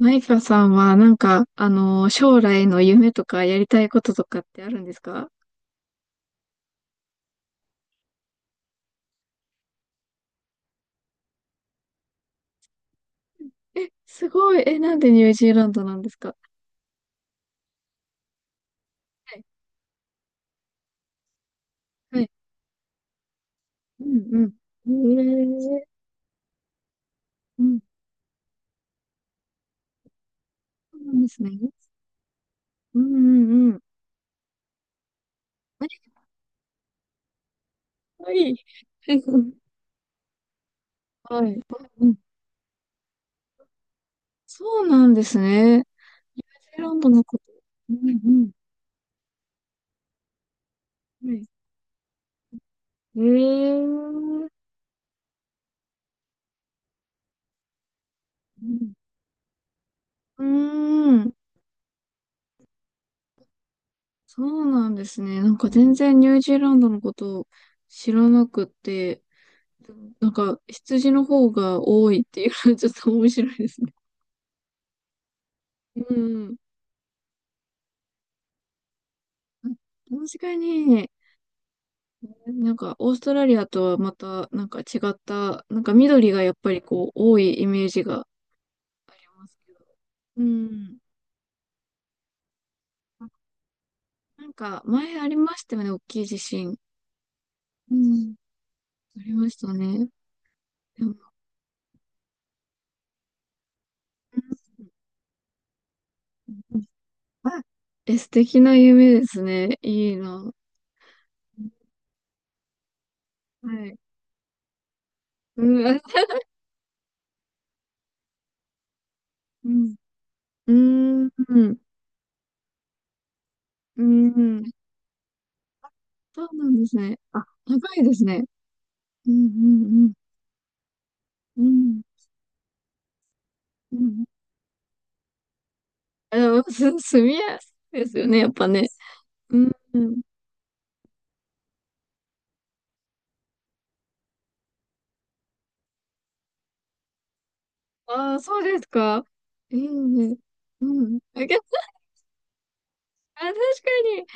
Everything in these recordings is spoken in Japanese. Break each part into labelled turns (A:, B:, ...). A: マイカさんは、なんか、将来の夢とかやりたいこととかってあるんですか？え、すごい。え、なんでニュージーランドなんですか？はい。はい。うんうん。えー、うん。そうなんですね。うんうんうん。あれ、はい。はい。うん、そうなんですね。ニュージーランドのこと。うんうん。はい。ええ、うん。うーん。そうなんですね。なんか全然ニュージーランドのことを知らなくて。でもなんか、羊の方が多いっていうのはちょっと面白いですね。うん。確かに、なんか、オーストラリアとはまた、なんか違った、なんか緑がやっぱりこう、多いイメージがありますけど。うん。なんか、前ありましたよね、大きい地震。うん。ありましたね。でも、うん、あ、え、素敵な夢ですね。いいな。はい。うん、あ、うん、うん、うん。そうなんですね。あ、高いですね。うんうんうん。うんうん。あ、でも、住みやすいですよね、やっぱね。うんうん。ああ、そうですか。いいね。うん。あ、けど、あ、確かに。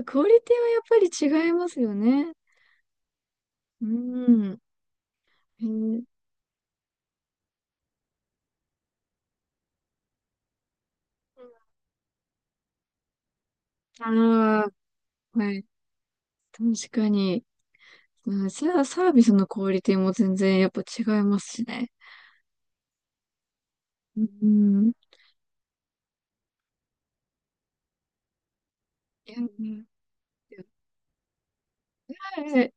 A: あ、クオリティはやっぱり違いますよね。うん。えー、ああ、はい。確かに。うん、サービスのクオリティも全然やっぱ違いますしね。うん。いや、うん、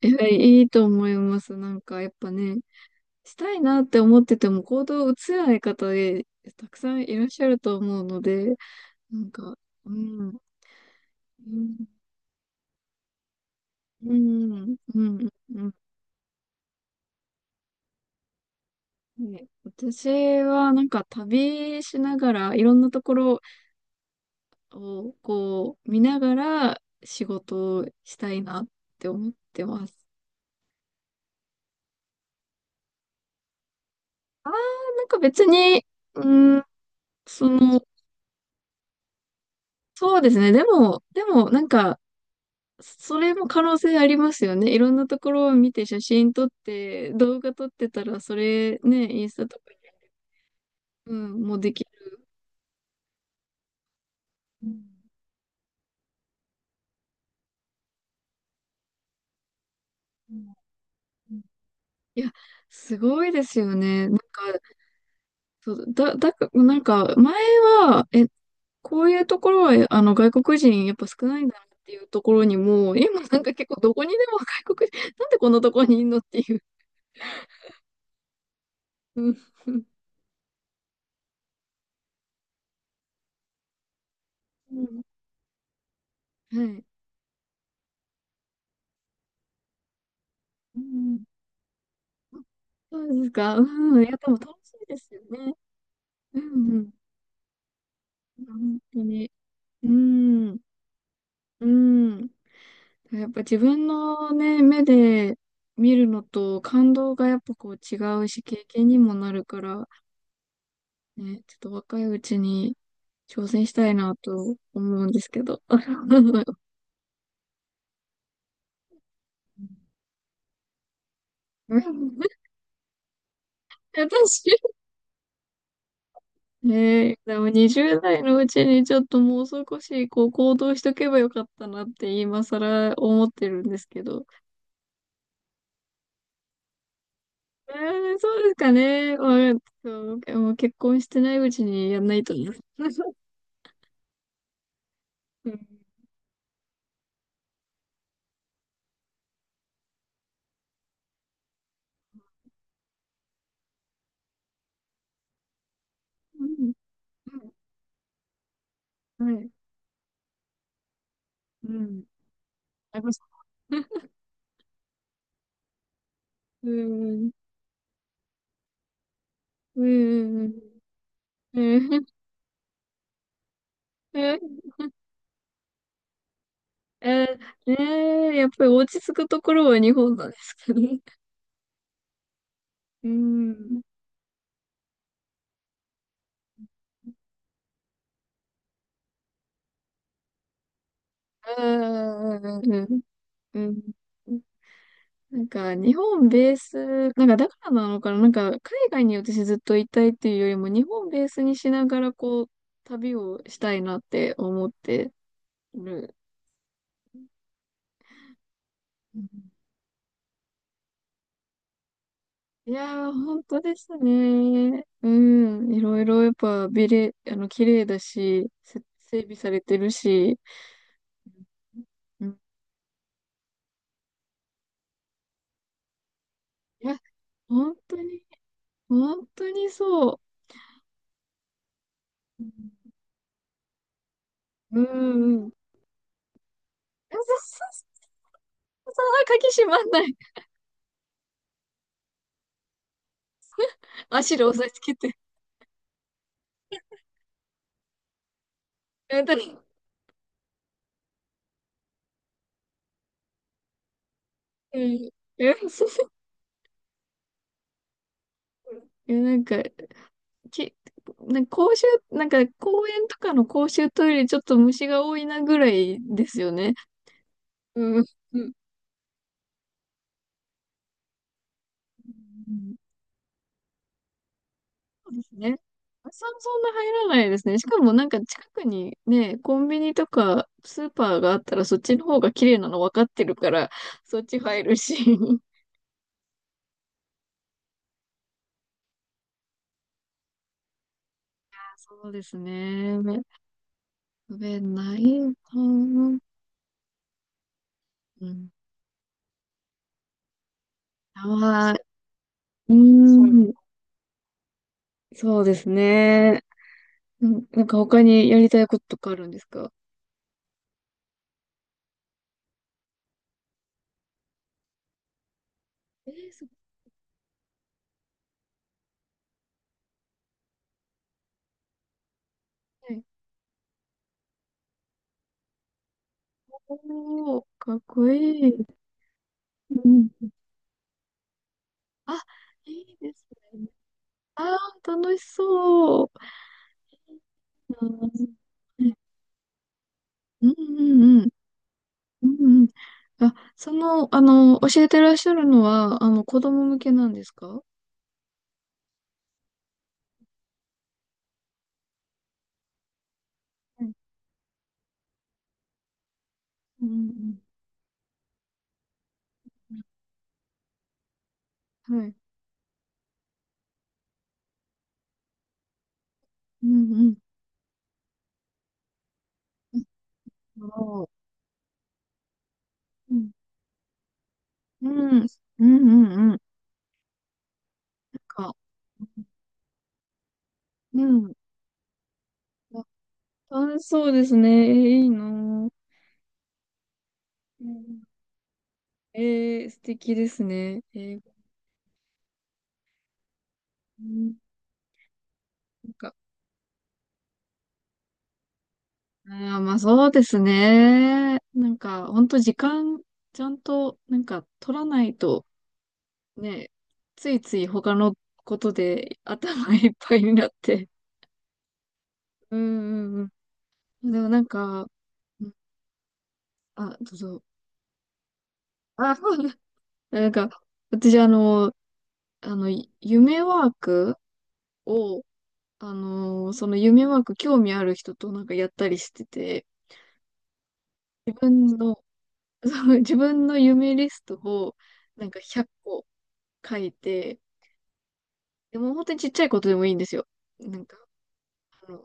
A: ええ、いいと思います。なんか、やっぱね、したいなって思ってても行動を移せない方で、たくさんいらっしゃると思うので、なんか、うん、うん、うん、うん、うん。ね、私はなんか旅しながら、いろんなところをこう見ながら仕事をしたいなって思ってます。あー、なんか別に、うん、その、そうですね。でも、なんか、それも可能性ありますよね。いろんなところを見て写真撮って、動画撮ってたら、それね、インスタとかに、うん、もうできる。うんうんうん、いや、すごいですよね。なんか、そう、だ、だか、なんか、前は、こういうところは、外国人やっぱ少ないんだなっていうところにも、今なんか結構どこにでも外国人、なんでこんなところにいんのっていう。うんうん はい。うん、そうですか。うん。いや、でも楽しいですよね。うんうん、本当に。うん、うん。やっぱ自分のね、目で見るのと感動がやっぱこう違うし、経験にもなるから、ね、ちょっと若いうちに挑戦したいなと思うんですけど。私、ねえ、でも20代のうちにちょっともう少しこう行動しとけばよかったなって今更思ってるんですけど。そうですかね。まあ、そう、もう結婚してないうちにやんないとね。うん。うん。はい。うん。ありました。うん。うん。うん。うん。え、えねえ、やっぱり落ち着くところは日本なんですかね。うん。うん。うん。うん。なんか、日本ベース、なんか、だからなのかな、なんか、海外に私ずっといたいっていうよりも、日本ベースにしながら、こう、旅をしたいなって思ってる。うん、いやー、本当ですね。うん、いろいろやっぱ、綺麗だし、整備されてるし、うん、いや、本当に、本当にそう。うん、うん。うん、あ、そうそうそうそう、あ、鍵閉まんない。足で押さえつけて。うんうん。え いやなんか、き、なんか公衆、なんか公園とかの公衆トイレちょっと虫が多いなぐらいですよね。うん。うん。そうですね。そ、そんな入らないですね。しかもなんか近くにね、コンビニとかスーパーがあったらそっちの方が綺麗なの分かってるから、そっち入るし。そうですね。不便ないかな。うん。あー、うーん。そうですね。うん、なんか他にやりたいこととかあるんですか？えー、すごい。おー、かっこいい。うん。あ、いいですね。あー、楽しそう。うんうんうんうん。うんうん。あ、その、教えてらっしゃるのは、子供向けなんですか？うんうんうん。はい。うんうん。あー、うん。うん。うんうんうん。なんか、うん。あ、楽しそうですね。えー、いいなぁ。うん、えー、素敵ですね。えー、うん、なんか、あー、まあそうですね。なんか、ほんと時間、ちゃんと、なんか、取らないと、ね、ついつい他のことで頭いっぱいになって。うんうんうん。でもなんか、うん、あ、どうぞ。あ、なんか、私、あの、夢ワークを、その夢ワーク興味ある人となんかやったりしてて、自分の その自分の夢リストをなんか100個書いて、でも本当にちっちゃいことでもいいんですよ。なんか、あの、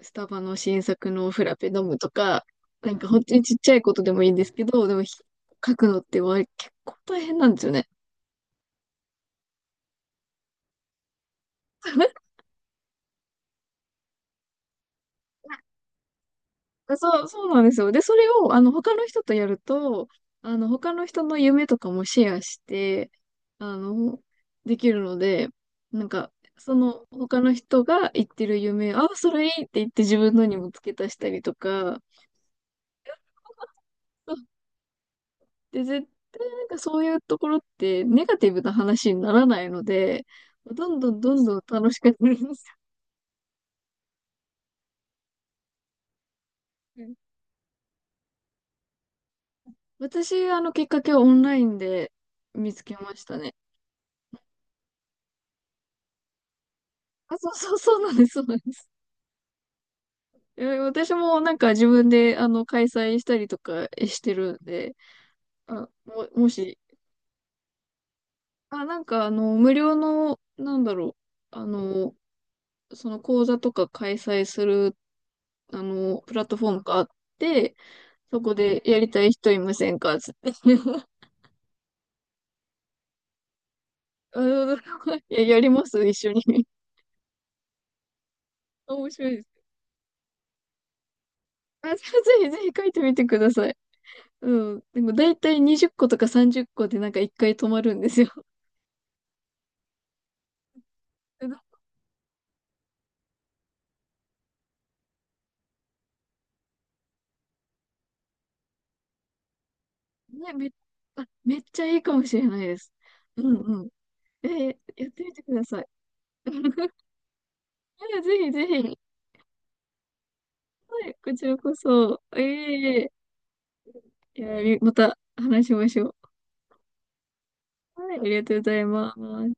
A: スタバの新作のフラペ飲むとか、なんか本当にちっちゃいことでもいいんですけど、でも、書くのって結構大変なんですよね。そう、そうなんですよ。で、それを、他の人とやると、他の人の夢とかもシェアして、あの、できるので、なんか、その、他の人が言ってる夢、あ、それいいって言って自分のにも付け足したりとか、あ、で、絶対なんかそういうところってネガティブな話にならないので、どんどんどんどん楽しくなります。うん 私、きっかけはオンラインで見つけましたね。あ、そうそう、そうなんです、そうなんです。え、私もなんか自分で開催したりとかしてるんで、あ、もし、あ、なんか無料の、なんだろう、あの、その講座とか開催する、プラットフォームがあって、そこでやりたい人いませんかつって。あの、いや、やります一緒に。面白いです。あ、ぜひぜひ書いてみてください。うん。でも大体20個とか30個でなんか1回止まるんですよ。ね、あ、めっちゃいいかもしれないです。うんうん。やってみてください。いやぜひぜひ。はい、こちらこそ。ええ、いや、また話しましょう。はい、ありがとうございます。